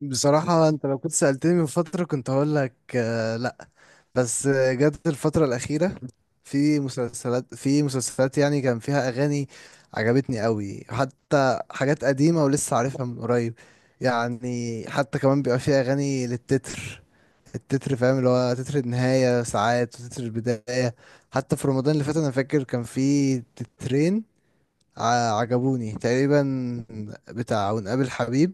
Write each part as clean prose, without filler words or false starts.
بصراحة انت لو كنت سألتني من فترة كنت هقول لك لا. بس جت الفترة الأخيرة. في مسلسلات يعني كان فيها أغاني عجبتني قوي، حتى حاجات قديمة ولسه عارفها من قريب. يعني حتى كمان بيبقى فيها أغاني للتتر. التتر فاهم، اللي هو تتر النهاية ساعات وتتر البداية. حتى في رمضان اللي فات أنا فاكر كان في تترين عجبوني تقريبا، بتاع ونقابل حبيب.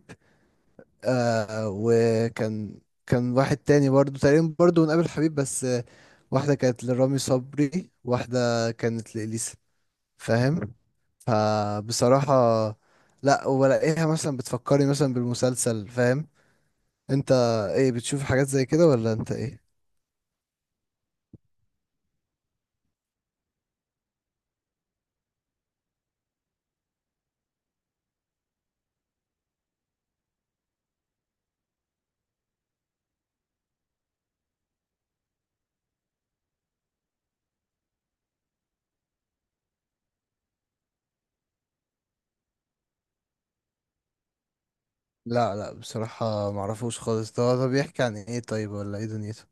وكان، كان واحد تاني برضو، تقريبا برضو من قبل حبيب بس. واحدة كانت لرامي صبري، واحدة كانت لإليسا، فاهم؟ فبصراحة لا، وبلاقيها مثلا بتفكرني مثلا بالمسلسل، فاهم انت؟ ايه، بتشوف حاجات زي كده ولا انت ايه؟ لا لا بصراحة معرفوش خالص. ده بيحكي عن ايه طيب، ولا ايه دنيته؟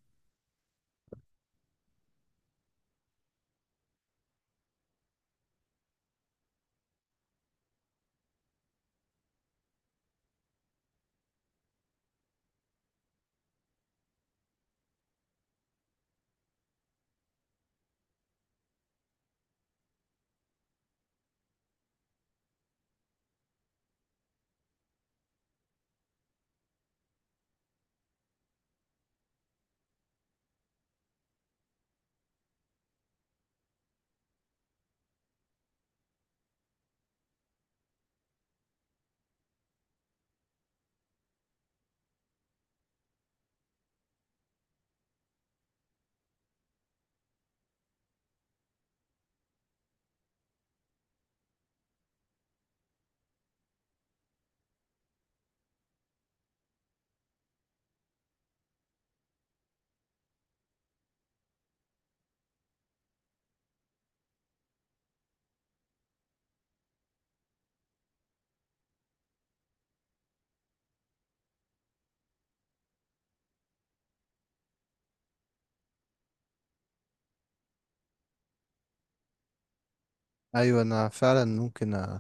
ايوه، انا فعلا ممكن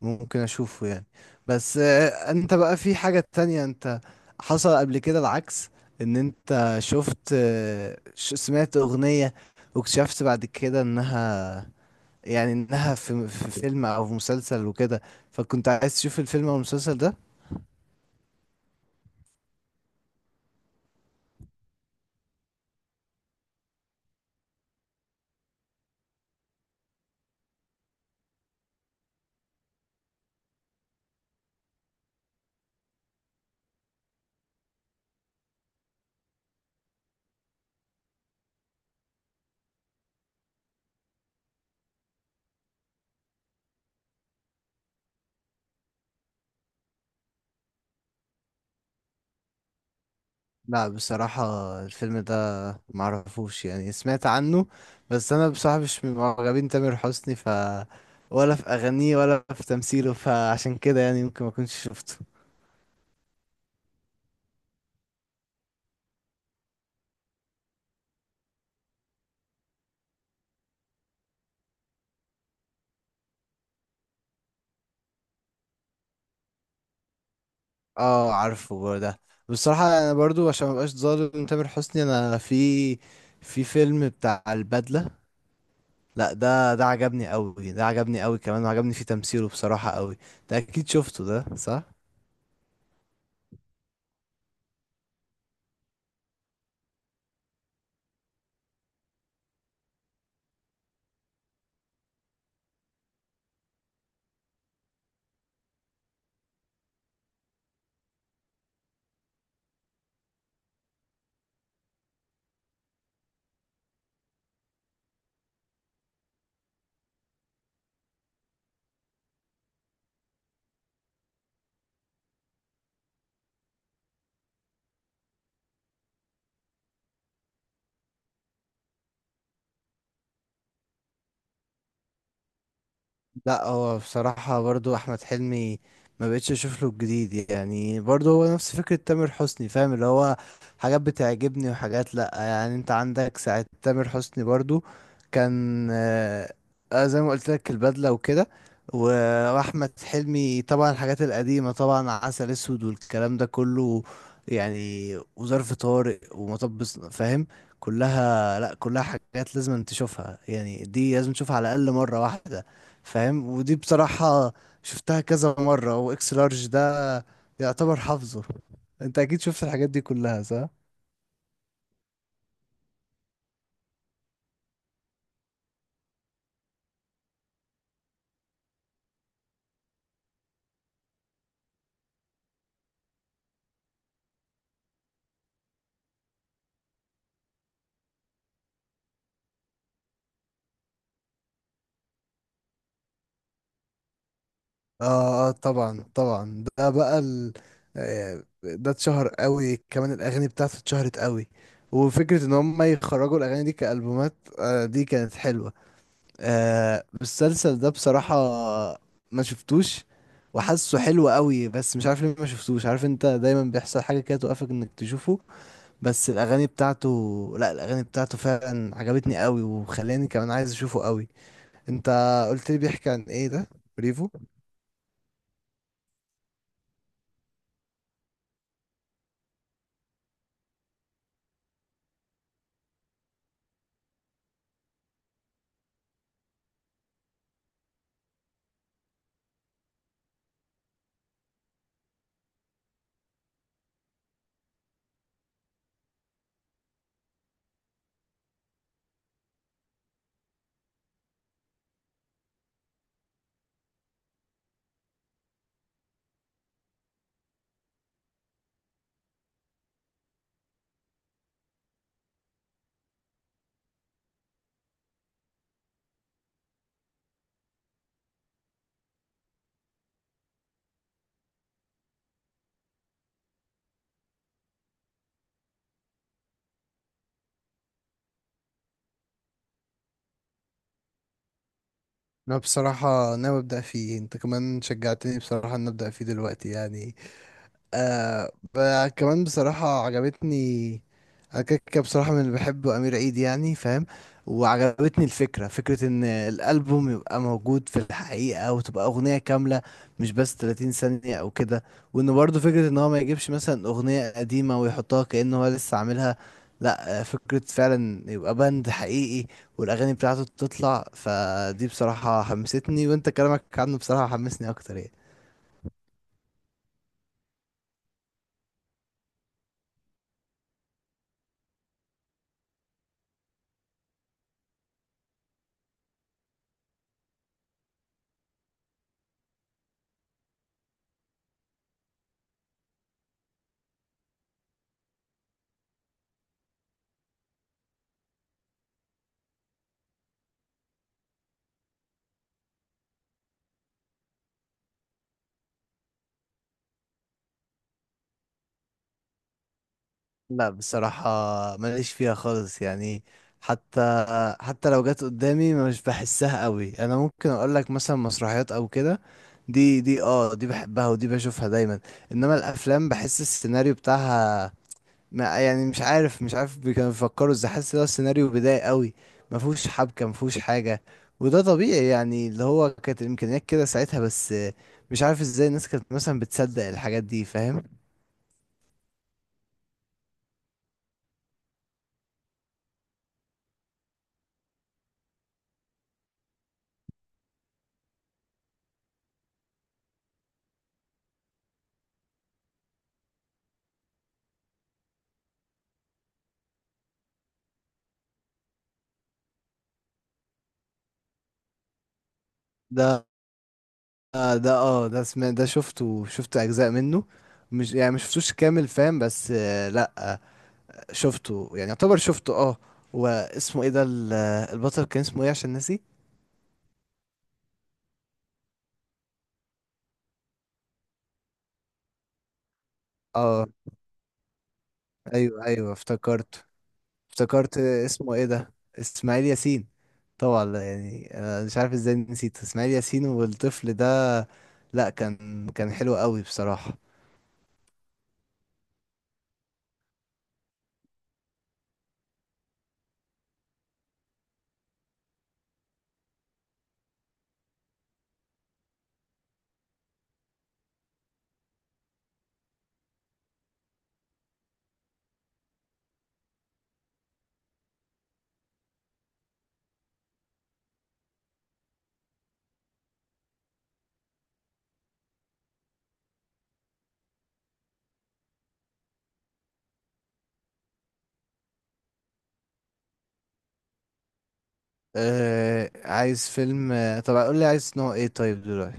ممكن اشوفه يعني. بس انت بقى في حاجة تانية. انت حصل قبل كده العكس، ان انت شفت، سمعت اغنية، واكتشفت بعد كده انها، يعني انها في فيلم او في مسلسل وكده، فكنت عايز تشوف الفيلم او المسلسل ده. لا بصراحة الفيلم ده معرفوش، يعني سمعت عنه. بس انا بصراحة مش من معجبين تامر حسني، ف ولا في اغانيه ولا في تمثيله، فعشان كده يعني ممكن ما كنتش شفته. اه عارفه برضه ده. بصراحة انا برضو عشان مبقاش ظالم تامر حسني، انا في فيلم بتاع البدلة، لا ده عجبني قوي، ده عجبني قوي كمان، وعجبني فيه تمثيله بصراحة قوي. ده اكيد شفته ده، صح؟ لا هو بصراحة برضو أحمد حلمي ما بقتش أشوف له الجديد يعني، برضو هو نفس فكرة تامر حسني، فاهم اللي هو؟ حاجات بتعجبني وحاجات لأ، يعني أنت عندك ساعة تامر حسني برضو. كان زي ما قلت لك البدلة وكده. وأحمد حلمي طبعا، الحاجات القديمة طبعا، عسل أسود والكلام ده كله، يعني وظرف طارق ومطب فاهم. كلها لأ، كلها حاجات لازم تشوفها يعني، دي لازم تشوفها على الأقل مرة واحدة فاهم. ودي بصراحة شفتها كذا مرة، واكس لارج ده يعتبر حافظه. انت اكيد شفت الحاجات دي كلها، صح؟ اه اه طبعا طبعا ده بقى ده اتشهر قوي كمان، الاغاني بتاعته اتشهرت قوي. وفكرة ان هم يخرجوا الاغاني دي كألبومات، دي كانت حلوة. المسلسل ده بصراحة ما شفتوش، وحاسه حلو قوي بس مش عارف ليه ما شفتوش. عارف انت دايما بيحصل حاجة كده توقفك انك تشوفه، بس الاغاني بتاعته، لا الاغاني بتاعته فعلا عجبتني قوي وخلاني كمان عايز اشوفه قوي. انت قلت لي بيحكي عن ايه ده، بريفو؟ انا بصراحة ناوي ابدا فيه، انت كمان شجعتني بصراحة ان ابدا فيه دلوقتي يعني. كمان بصراحة عجبتني. أنا كده كده بصراحة من اللي بحبه أمير عيد يعني فاهم. وعجبتني الفكرة، فكرة إن الألبوم يبقى موجود في الحقيقة، وتبقى أغنية كاملة، مش بس 30 ثانية أو كده. وإن برضه فكرة إن هو ما يجيبش مثلا أغنية قديمة ويحطها كأنه هو لسه عاملها، لأ، فكرة فعلا يبقى باند حقيقي والأغاني بتاعته تطلع. فدي بصراحة حمستني، وإنت كلامك عنه بصراحة حمسني أكتر يعني. لا بصراحة ماليش فيها خالص يعني، حتى حتى لو جت قدامي مش بحسها قوي. انا ممكن اقول لك مثلا مسرحيات او كده، دي بحبها ودي بشوفها دايما. انما الافلام بحس السيناريو بتاعها، ما يعني مش عارف، كانوا بيفكروا ازاي، حاسس ده السيناريو بدائي قوي، ما فيهوش حبكة، ما فيهوش حاجة. وده طبيعي يعني، اللي هو كانت الامكانيات كده ساعتها. بس مش عارف ازاي الناس كانت مثلا بتصدق الحاجات دي، فاهم؟ ده آه ده اه ده سمع ده شفته، شفت اجزاء منه، مش يعني مش شفتوش كامل فاهم. بس لا شفته، يعني يعتبر شفته اه. واسمه ايه ده، البطل كان اسمه ايه عشان ناسي. اه ايوه ايوه افتكرت اسمه ايه ده، اسماعيل ياسين طبعا. لا، يعني انا مش عارف ازاي نسيت اسماعيل ياسين والطفل ده. لا، كان حلو قوي بصراحة. عايز فيلم، طب قول لي عايز نوع ايه طيب دلوقتي.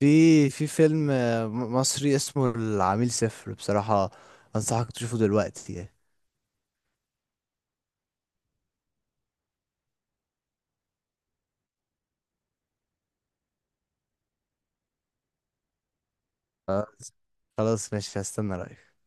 في فيلم مصري اسمه العميل صفر. بصراحة أنصحك تشوفه دلوقتي يعني. آه، خلاص ماشي، هستنى رأيك.